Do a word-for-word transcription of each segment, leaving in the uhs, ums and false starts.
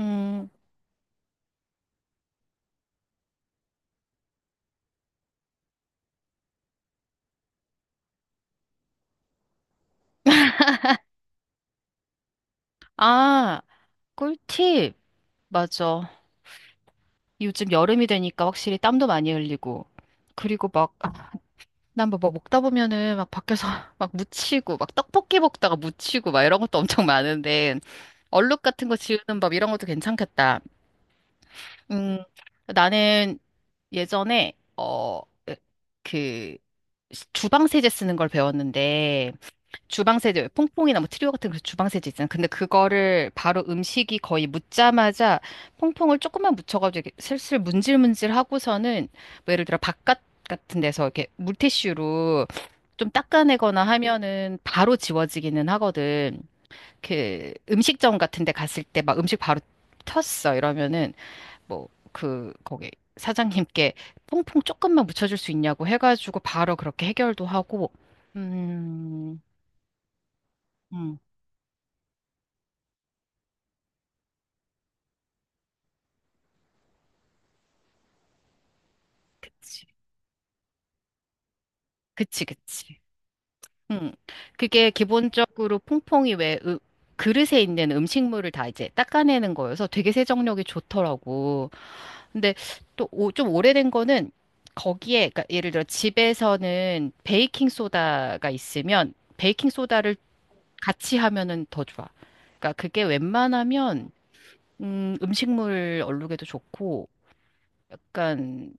음, 아, 꿀팁. 맞아. 요즘 여름이 되니까 확실히 땀도 많이 흘리고. 그리고 막, 난 뭐 먹다 보면은 막 밖에서 막 묻히고, 막 떡볶이 먹다가 묻히고, 막 이런 것도 엄청 많은데, 얼룩 같은 거 지우는 법 이런 것도 괜찮겠다. 음, 나는 예전에, 어, 그, 주방 세제 쓰는 걸 배웠는데, 주방세제, 퐁퐁이나 뭐 트리오 같은 그 주방세제 있잖아. 근데 그거를 바로 음식이 거의 묻자마자 퐁퐁을 조금만 묻혀가지고 이렇게 슬슬 문질문질 하고서는 뭐 예를 들어 바깥 같은 데서 이렇게 물티슈로 좀 닦아내거나 하면은 바로 지워지기는 하거든. 그 음식점 같은 데 갔을 때 막 음식 바로 텄어 이러면은 뭐 그 거기 사장님께 퐁퐁 조금만 묻혀줄 수 있냐고 해가지고 바로 그렇게 해결도 하고. 음. 음. 그치. 그치, 그치. 음. 그게 기본적으로 퐁퐁이 왜 으- 그릇에 있는 음식물을 다 이제 닦아내는 거여서 되게 세정력이 좋더라고. 근데 또 좀 오래된 거는 거기에, 그러니까 예를 들어 집에서는 베이킹 소다가 있으면 베이킹 소다를 같이 하면은 더 좋아. 그러니까 그게 웬만하면 음, 음식물 얼룩에도 좋고 약간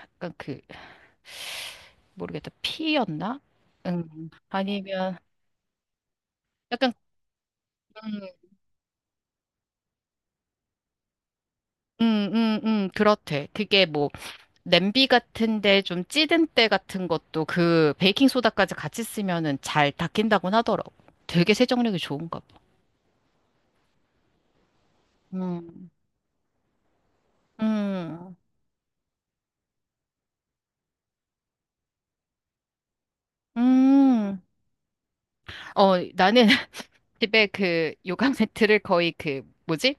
약간 그 모르겠다 피였나? 음, 아니면 약간 음, 음, 음, 음, 그렇대. 그게 뭐, 냄비 같은데 좀 찌든 때 같은 것도 그 베이킹소다까지 같이 쓰면은 잘 닦인다곤 하더라고. 되게 세정력이 좋은가 봐. 음, 음, 음. 어, 나는 집에 그 요강 매트를 거의 그, 뭐지?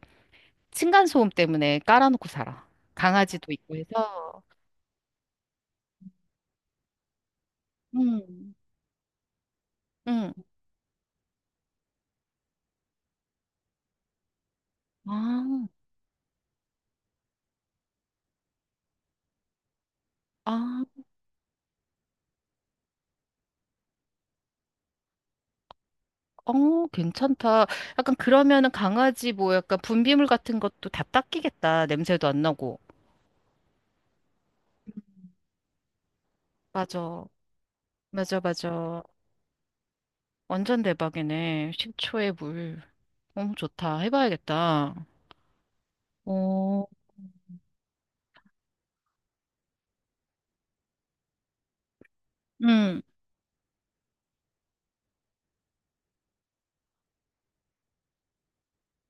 층간소음 때문에 깔아놓고 살아. 강아지도 있고 해서. 음, 음. 아, 아. 어, 괜찮다. 약간 그러면은 강아지 뭐 약간 분비물 같은 것도 다 닦이겠다. 냄새도 안 나고. 맞아. 맞아, 맞아. 완전 대박이네. 십 초의 물. 너무 좋다. 해봐야겠다. 어, 응,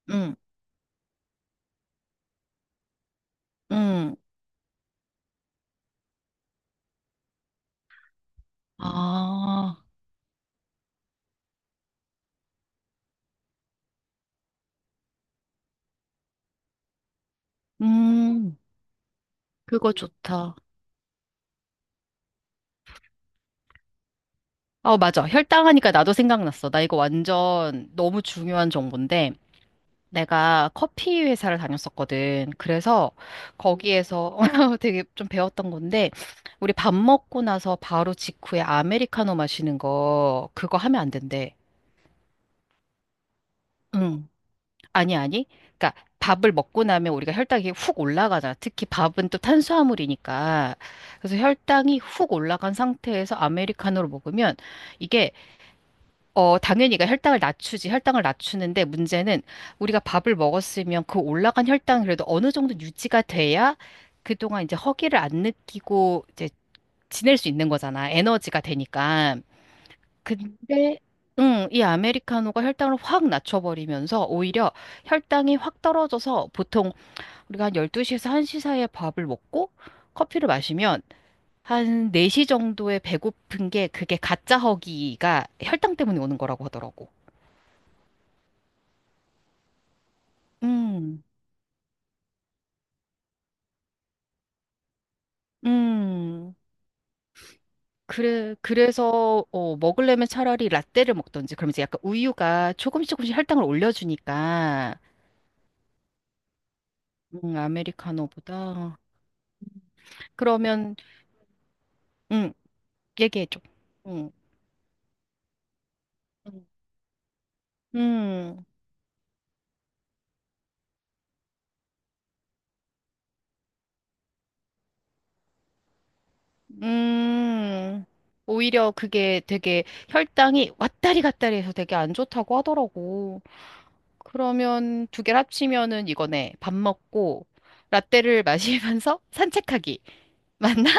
응, 응. 아, 음, 그거 좋다. 어, 맞아. 혈당하니까 나도 생각났어. 나 이거 완전 너무 중요한 정보인데. 내가 커피 회사를 다녔었거든. 그래서 거기에서 되게 좀 배웠던 건데, 우리 밥 먹고 나서 바로 직후에 아메리카노 마시는 거, 그거 하면 안 된대. 응. 아니, 아니. 그러니까 밥을 먹고 나면 우리가 혈당이 훅 올라가잖아. 특히 밥은 또 탄수화물이니까. 그래서 혈당이 훅 올라간 상태에서 아메리카노를 먹으면 이게 어, 당연히 그 혈당을 낮추지. 혈당을 낮추는데 문제는 우리가 밥을 먹었으면 그 올라간 혈당 그래도 어느 정도 유지가 돼야 그동안 이제 허기를 안 느끼고 이제 지낼 수 있는 거잖아. 에너지가 되니까. 근데 응, 이 아메리카노가 혈당을 확 낮춰버리면서 오히려 혈당이 확 떨어져서 보통 우리가 한 열두 시에서 한 시 사이에 밥을 먹고 커피를 마시면 한 네 시 정도에 배고픈 게 그게 가짜 허기가 혈당 때문에 오는 거라고 하더라고. 음, 음. 그래, 그래서, 어, 먹으려면 차라리 라떼를 먹던지, 그럼 이제 약간 우유가 조금씩 조금씩 할당을 올려주니까, 음, 아메리카노보다. 그러면, 음, 얘기해줘. 음, 음, 음. 오히려 그게 되게 혈당이 왔다리 갔다리 해서 되게 안 좋다고 하더라고. 그러면 두 개를 합치면은 이거네. 밥 먹고, 라떼를 마시면서 산책하기. 맞나?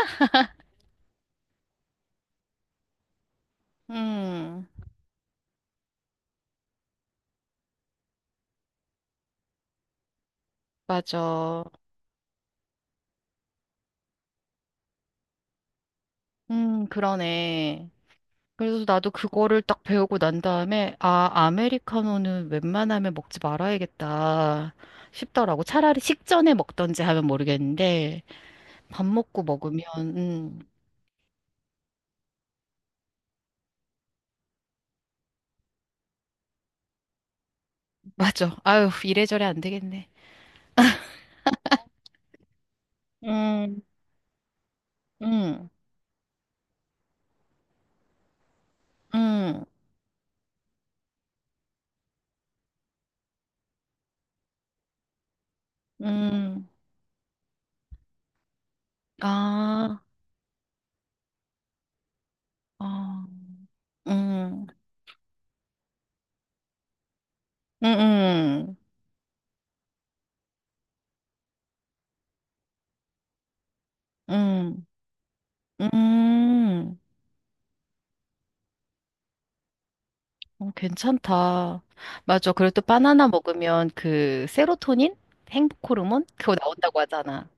음. 맞아. 음, 그러네. 그래서 나도 그거를 딱 배우고 난 다음에, 아, 아메리카노는 웬만하면 먹지 말아야겠다 싶더라고. 차라리 식전에 먹던지 하면 모르겠는데, 밥 먹고 먹으면, 음, 맞아. 아유, 이래저래 안 되겠네. 음, 음, 음, 음, 아, 아, 음, 음, 음, 음, 음. 어, 괜찮다. 맞아. 그리고 또 바나나 먹으면 그 세로토닌? 행복 호르몬? 그거 나온다고 하잖아.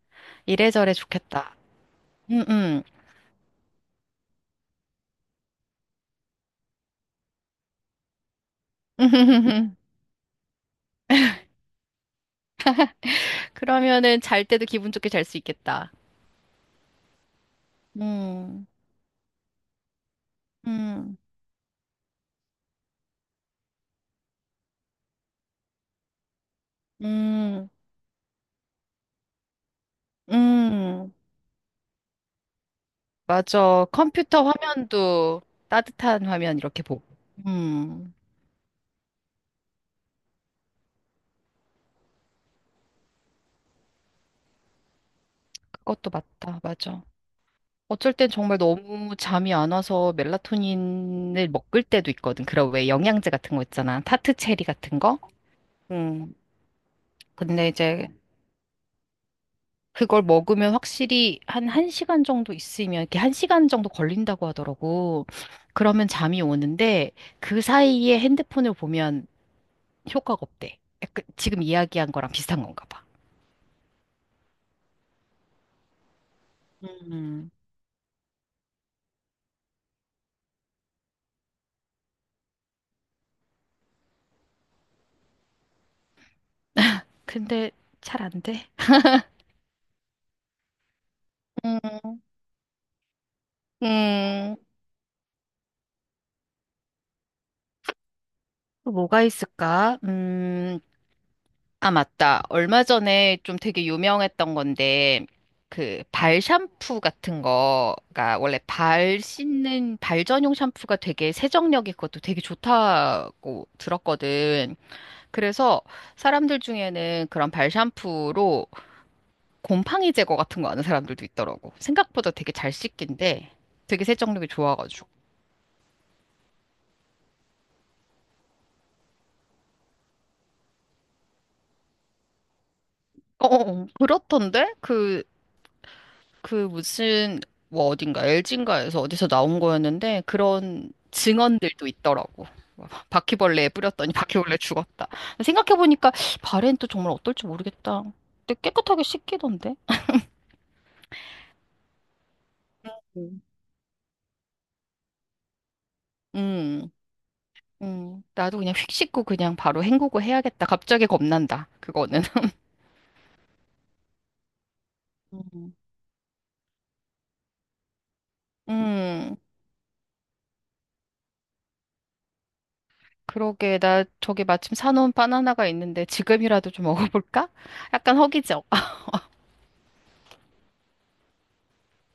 이래저래 좋겠다. 응응. 그러면은 잘 때도 기분 좋게 잘 수 있겠다. 음, 음, 음, 음. 맞아. 컴퓨터 화면도 따뜻한 화면 이렇게 보고. 음, 그것도 맞다. 맞아. 어쩔 땐 정말 너무 잠이 안 와서 멜라토닌을 먹을 때도 있거든. 그런 왜 영양제 같은 거 있잖아. 타트 체리 같은 거? 음. 근데 이제 그걸 먹으면 확실히 한 1시간 정도 있으면 이렇게 한 시간 정도 걸린다고 하더라고. 그러면 잠이 오는데 그 사이에 핸드폰을 보면 효과가 없대. 약간 지금 이야기한 거랑 비슷한 건가 봐. 음. 근데 잘 안 돼. 음. 음. 또 뭐가 있을까? 음. 아, 맞다. 얼마 전에 좀 되게 유명했던 건데, 그, 발 샴푸 같은 거가, 원래 발 씻는, 발 전용 샴푸가 되게 세정력이 그것도 되게 좋다고 들었거든. 그래서 사람들 중에는 그런 발 샴푸로 곰팡이 제거 같은 거 하는 사람들도 있더라고. 생각보다 되게 잘 씻긴데, 되게 세정력이 좋아가지고. 어, 어, 어. 그렇던데? 그 그 무슨 뭐 어딘가 엘진인가에서 어디서 나온 거였는데 그런 증언들도 있더라고. 막 바퀴벌레에 뿌렸더니 바퀴벌레 죽었다. 생각해보니까 발엔 또 정말 어떨지 모르겠다. 근데 깨끗하게 씻기던데. 음. 음, 음, 나도 그냥 휙 씻고 그냥 바로 헹구고 해야겠다. 갑자기 겁난다. 그거는. 음, 음, 그러게. 나 저기 마침 사놓은 바나나가 있는데 지금이라도 좀 먹어볼까? 약간 허기져.